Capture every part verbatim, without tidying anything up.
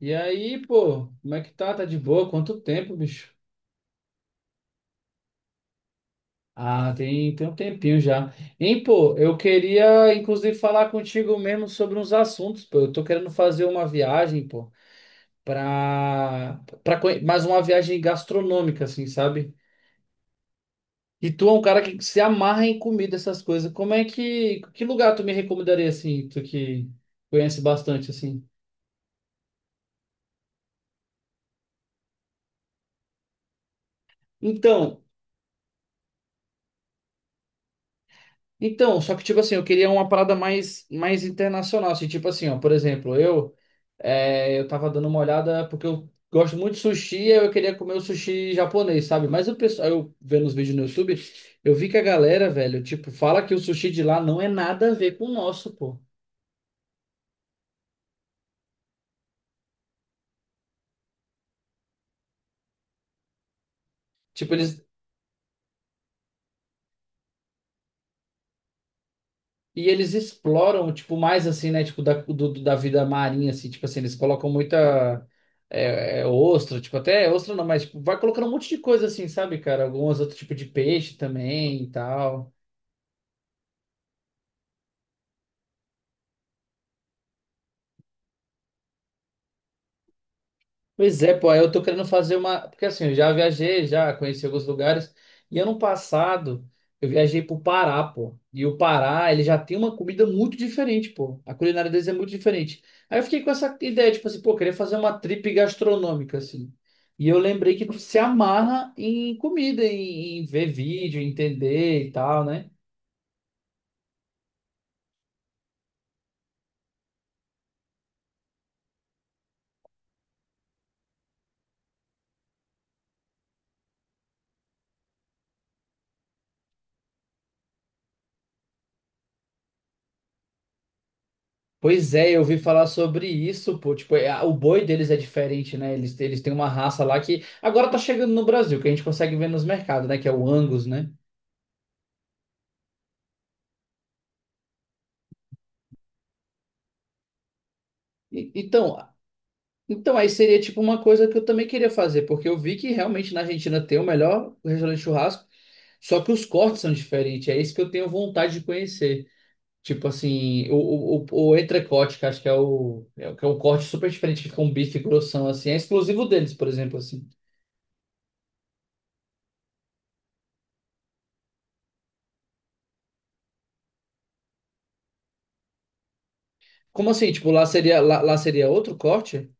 E aí, pô, como é que tá? Tá de boa? Quanto tempo, bicho? Ah, tem, tem um tempinho já. Hein, pô, eu queria inclusive falar contigo mesmo sobre uns assuntos, pô. Eu tô querendo fazer uma viagem, pô, pra, pra conhe- mais uma viagem gastronômica, assim, sabe? E tu é um cara que se amarra em comida, essas coisas. Como é que, que lugar tu me recomendaria, assim, tu que conhece bastante, assim? Então, Então, só que, tipo assim, eu queria uma parada mais, mais internacional. Assim, tipo assim, ó, por exemplo, eu, é, eu tava dando uma olhada porque eu gosto muito de sushi, aí eu queria comer o sushi japonês, sabe? Mas o pessoal, eu vendo os vídeos no YouTube, eu vi que a galera, velho, tipo, fala que o sushi de lá não é nada a ver com o nosso, pô. Tipo, eles E eles exploram, tipo, mais assim, né? Tipo, da, do, do- da vida marinha, assim, tipo assim, eles colocam muita é, é, ostra, tipo, até ostra não, mas tipo, vai colocando um monte de coisa assim, sabe, cara? Alguns outros tipos de peixe também e tal. Pois é, pô, aí eu tô querendo fazer uma. Porque assim, eu já viajei, já conheci alguns lugares. E ano passado, eu viajei pro Pará, pô. E o Pará, ele já tem uma comida muito diferente, pô. A culinária deles é muito diferente. Aí eu fiquei com essa ideia, tipo assim, pô, eu queria fazer uma trip gastronômica, assim. E eu lembrei que tu se amarra em comida, em, em ver vídeo, entender e tal, né? Pois é, eu ouvi falar sobre isso, pô. Tipo, é- o boi deles é diferente, né? Eles, eles têm uma raça lá que agora tá chegando no Brasil, que a gente consegue ver nos mercados, né? Que é o Angus, né? E- então, então, aí seria tipo uma coisa que eu também queria fazer, porque eu vi que realmente na Argentina tem o melhor restaurante de churrasco, só que os cortes são diferentes. É isso que eu tenho vontade de conhecer. Tipo assim, o, o, o, o entrecote, que acho que é o, é, o- que é um corte super diferente, que fica um bife grossão, assim. É exclusivo deles, por exemplo, assim. Como assim? Tipo, lá seria, lá, lá seria outro corte?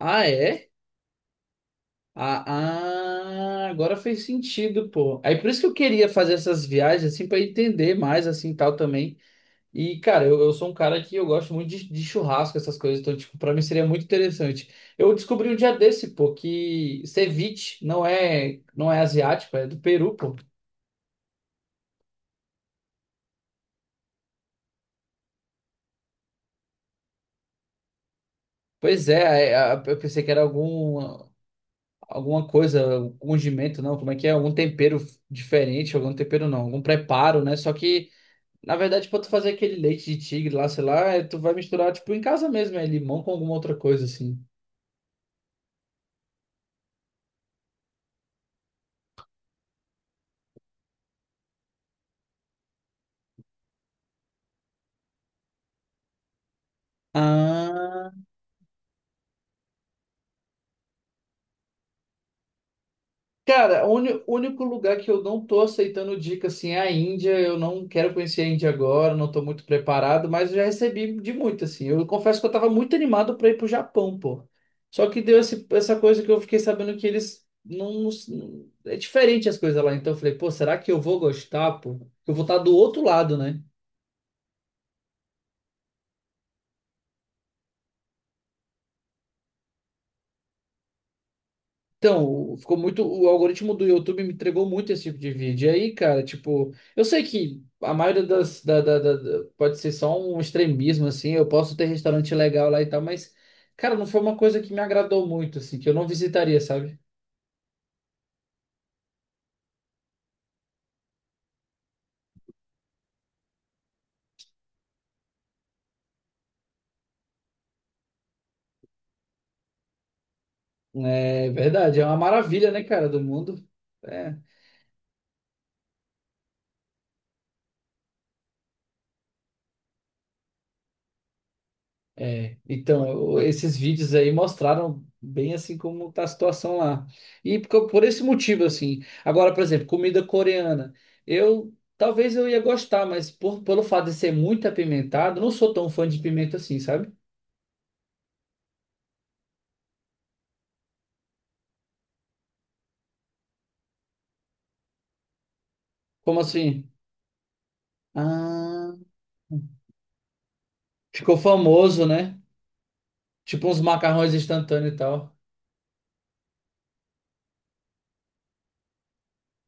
Ah, é? Ah, ah, agora fez sentido, pô. Aí por isso que eu queria fazer essas viagens, assim, pra entender mais, assim, tal também. E, cara, eu, eu sou um cara que eu gosto muito de, de churrasco, essas coisas, então, tipo, pra mim seria muito interessante. Eu descobri um dia desse, pô, que ceviche não é, não é asiático, é do Peru, pô. Pois é, é, a- eu pensei que era algum. Alguma coisa, um condimento, não, como é que é? Algum tempero diferente, algum tempero não, algum preparo, né? Só que, na verdade, pra tu fazer aquele leite de tigre lá, sei lá, é, tu vai misturar, tipo, em casa mesmo, é limão com alguma outra coisa, assim. Ah. Cara, o uni- único lugar que eu não tô aceitando dica assim é a Índia. Eu não quero conhecer a Índia agora, não tô muito preparado, mas eu já recebi de muito assim. Eu confesso que eu tava muito animado para ir pro Japão, pô. Só que deu esse- essa coisa que eu fiquei sabendo que eles não, não- é diferente as coisas lá. Então eu falei, pô, será que eu vou gostar, pô? Eu vou estar do outro lado, né? Então, ficou muito. O algoritmo do YouTube me entregou muito esse tipo de vídeo. E aí, cara, tipo, eu sei que a maioria das. Da- da- da- da- pode ser só um extremismo, assim. Eu posso ter restaurante legal lá e tal, mas, cara, não foi uma coisa que me agradou muito, assim, que eu não visitaria, sabe? É verdade, é uma maravilha, né, cara, do mundo. É. É, então, eu- esses vídeos aí mostraram bem assim como tá a situação lá. E por, por esse motivo, assim. Agora, por exemplo, comida coreana. Eu talvez eu ia gostar, mas por, pelo fato de ser muito apimentado, não sou tão fã de pimenta assim, sabe? Como assim? Ah, ficou famoso, né? Tipo uns macarrões instantâneos e tal.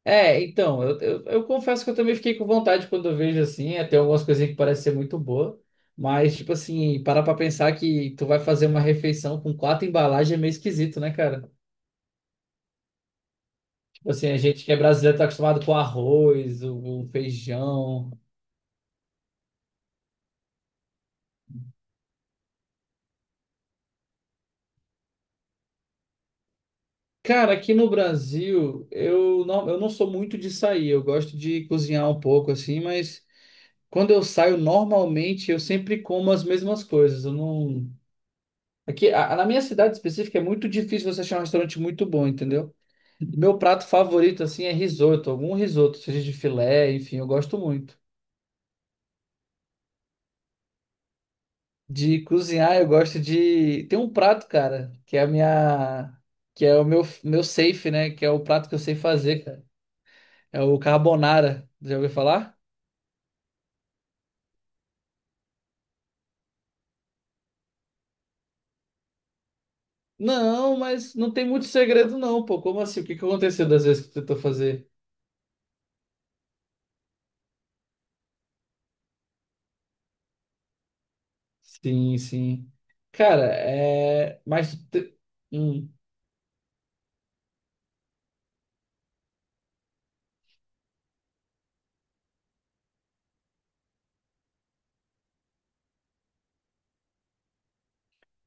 É, então, eu, eu, eu confesso que eu também fiquei com vontade quando eu vejo assim, até algumas coisinhas que parecem ser muito boa, mas, tipo assim, parar pra pensar que tu vai fazer uma refeição com quatro embalagens é meio esquisito, né, cara? Tipo assim, a gente que é brasileiro tá acostumado com arroz, o, o feijão. Cara, aqui no Brasil, eu não, eu não sou muito de sair, eu gosto de cozinhar um pouco assim, mas quando eu saio, normalmente eu sempre como as mesmas coisas, eu não. Aqui, a- na minha cidade específica, é muito difícil você achar um restaurante muito bom, entendeu? Meu prato favorito, assim, é risoto, algum risoto, seja de filé, enfim, eu gosto muito. De cozinhar, eu gosto de. Tem um prato, cara, que é a minha. Que é o meu, meu safe, né? Que é o prato que eu sei fazer, cara. É o carbonara. Já ouviu falar? Não, mas não tem muito segredo, não, pô. Como assim? O que que aconteceu das vezes que tu tentou fazer? Sim, sim. Cara, é. Mas. tu te- Hum.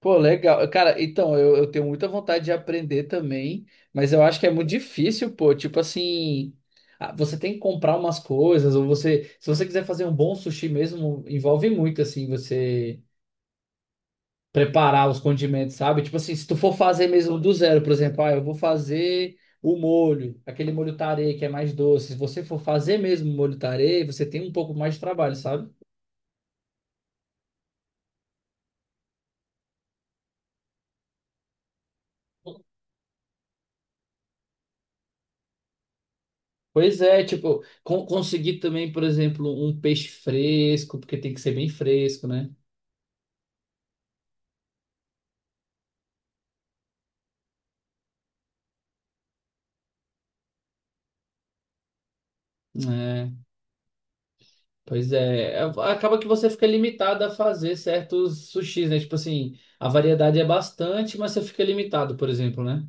Pô, legal. Cara, então, eu, eu tenho muita vontade de aprender também, mas eu acho que é muito difícil, pô. Tipo assim, ah, você tem que comprar umas coisas, ou você, se você quiser fazer um bom sushi mesmo, envolve muito, assim, você preparar os condimentos, sabe? Tipo assim, se tu for fazer mesmo do zero, por exemplo, ah, eu vou fazer o molho, aquele molho tarê que é mais doce. Se você for fazer mesmo o molho tarê, você tem um pouco mais de trabalho, sabe? Pois é, tipo, con- conseguir também, por exemplo, um peixe fresco, porque tem que ser bem fresco, né? É, pois é, É, acaba que você fica limitado a fazer certos sushis, né? Tipo assim, a variedade é bastante, mas você fica limitado, por exemplo, né?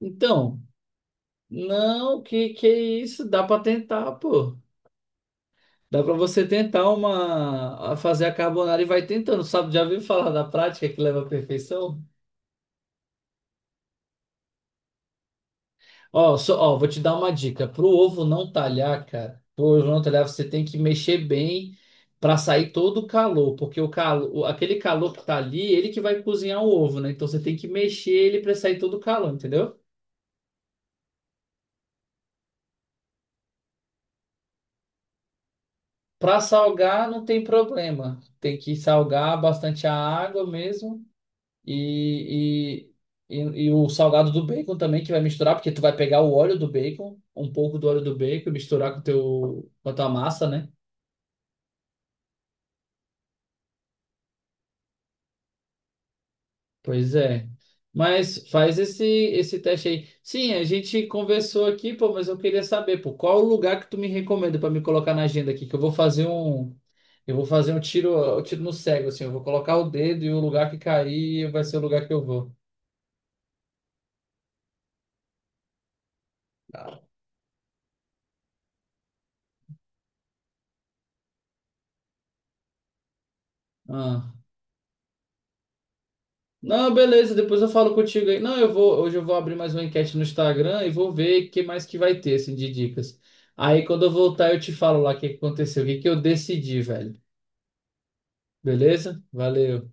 Então, não, que que isso? Dá pra tentar, pô. Dá pra você tentar uma a fazer a carbonara e vai tentando, sabe? Já ouviu falar da prática que leva à perfeição? Ó, só, ó, vou te dar uma dica. Pro ovo não talhar, cara, pro ovo não talhar, você tem que mexer bem para sair todo o calor, porque o calor, aquele calor que tá ali, ele que vai cozinhar o ovo, né? Então você tem que mexer ele para sair todo o calor, entendeu? Para salgar não tem problema. Tem que salgar bastante a água mesmo e, e, e, e o salgado do bacon também que vai misturar, porque tu vai pegar o óleo do bacon, um pouco do óleo do bacon e misturar com o teu, com a tua massa, né? Pois é. Mas faz esse esse teste aí. Sim, a gente conversou aqui, pô, mas eu queria saber, pô, qual o lugar que tu me recomenda para me colocar na agenda aqui, que eu vou fazer um eu vou fazer um tiro, um tiro no cego assim, eu vou colocar o dedo e o lugar que cair vai ser o lugar que eu vou. Ah. Não, beleza, depois eu falo contigo aí. Não, eu vou, hoje eu vou abrir mais uma enquete no Instagram e vou ver o que mais que vai ter assim de dicas. Aí quando eu voltar eu te falo lá o que que aconteceu, o que que eu decidi, velho. Beleza? Valeu.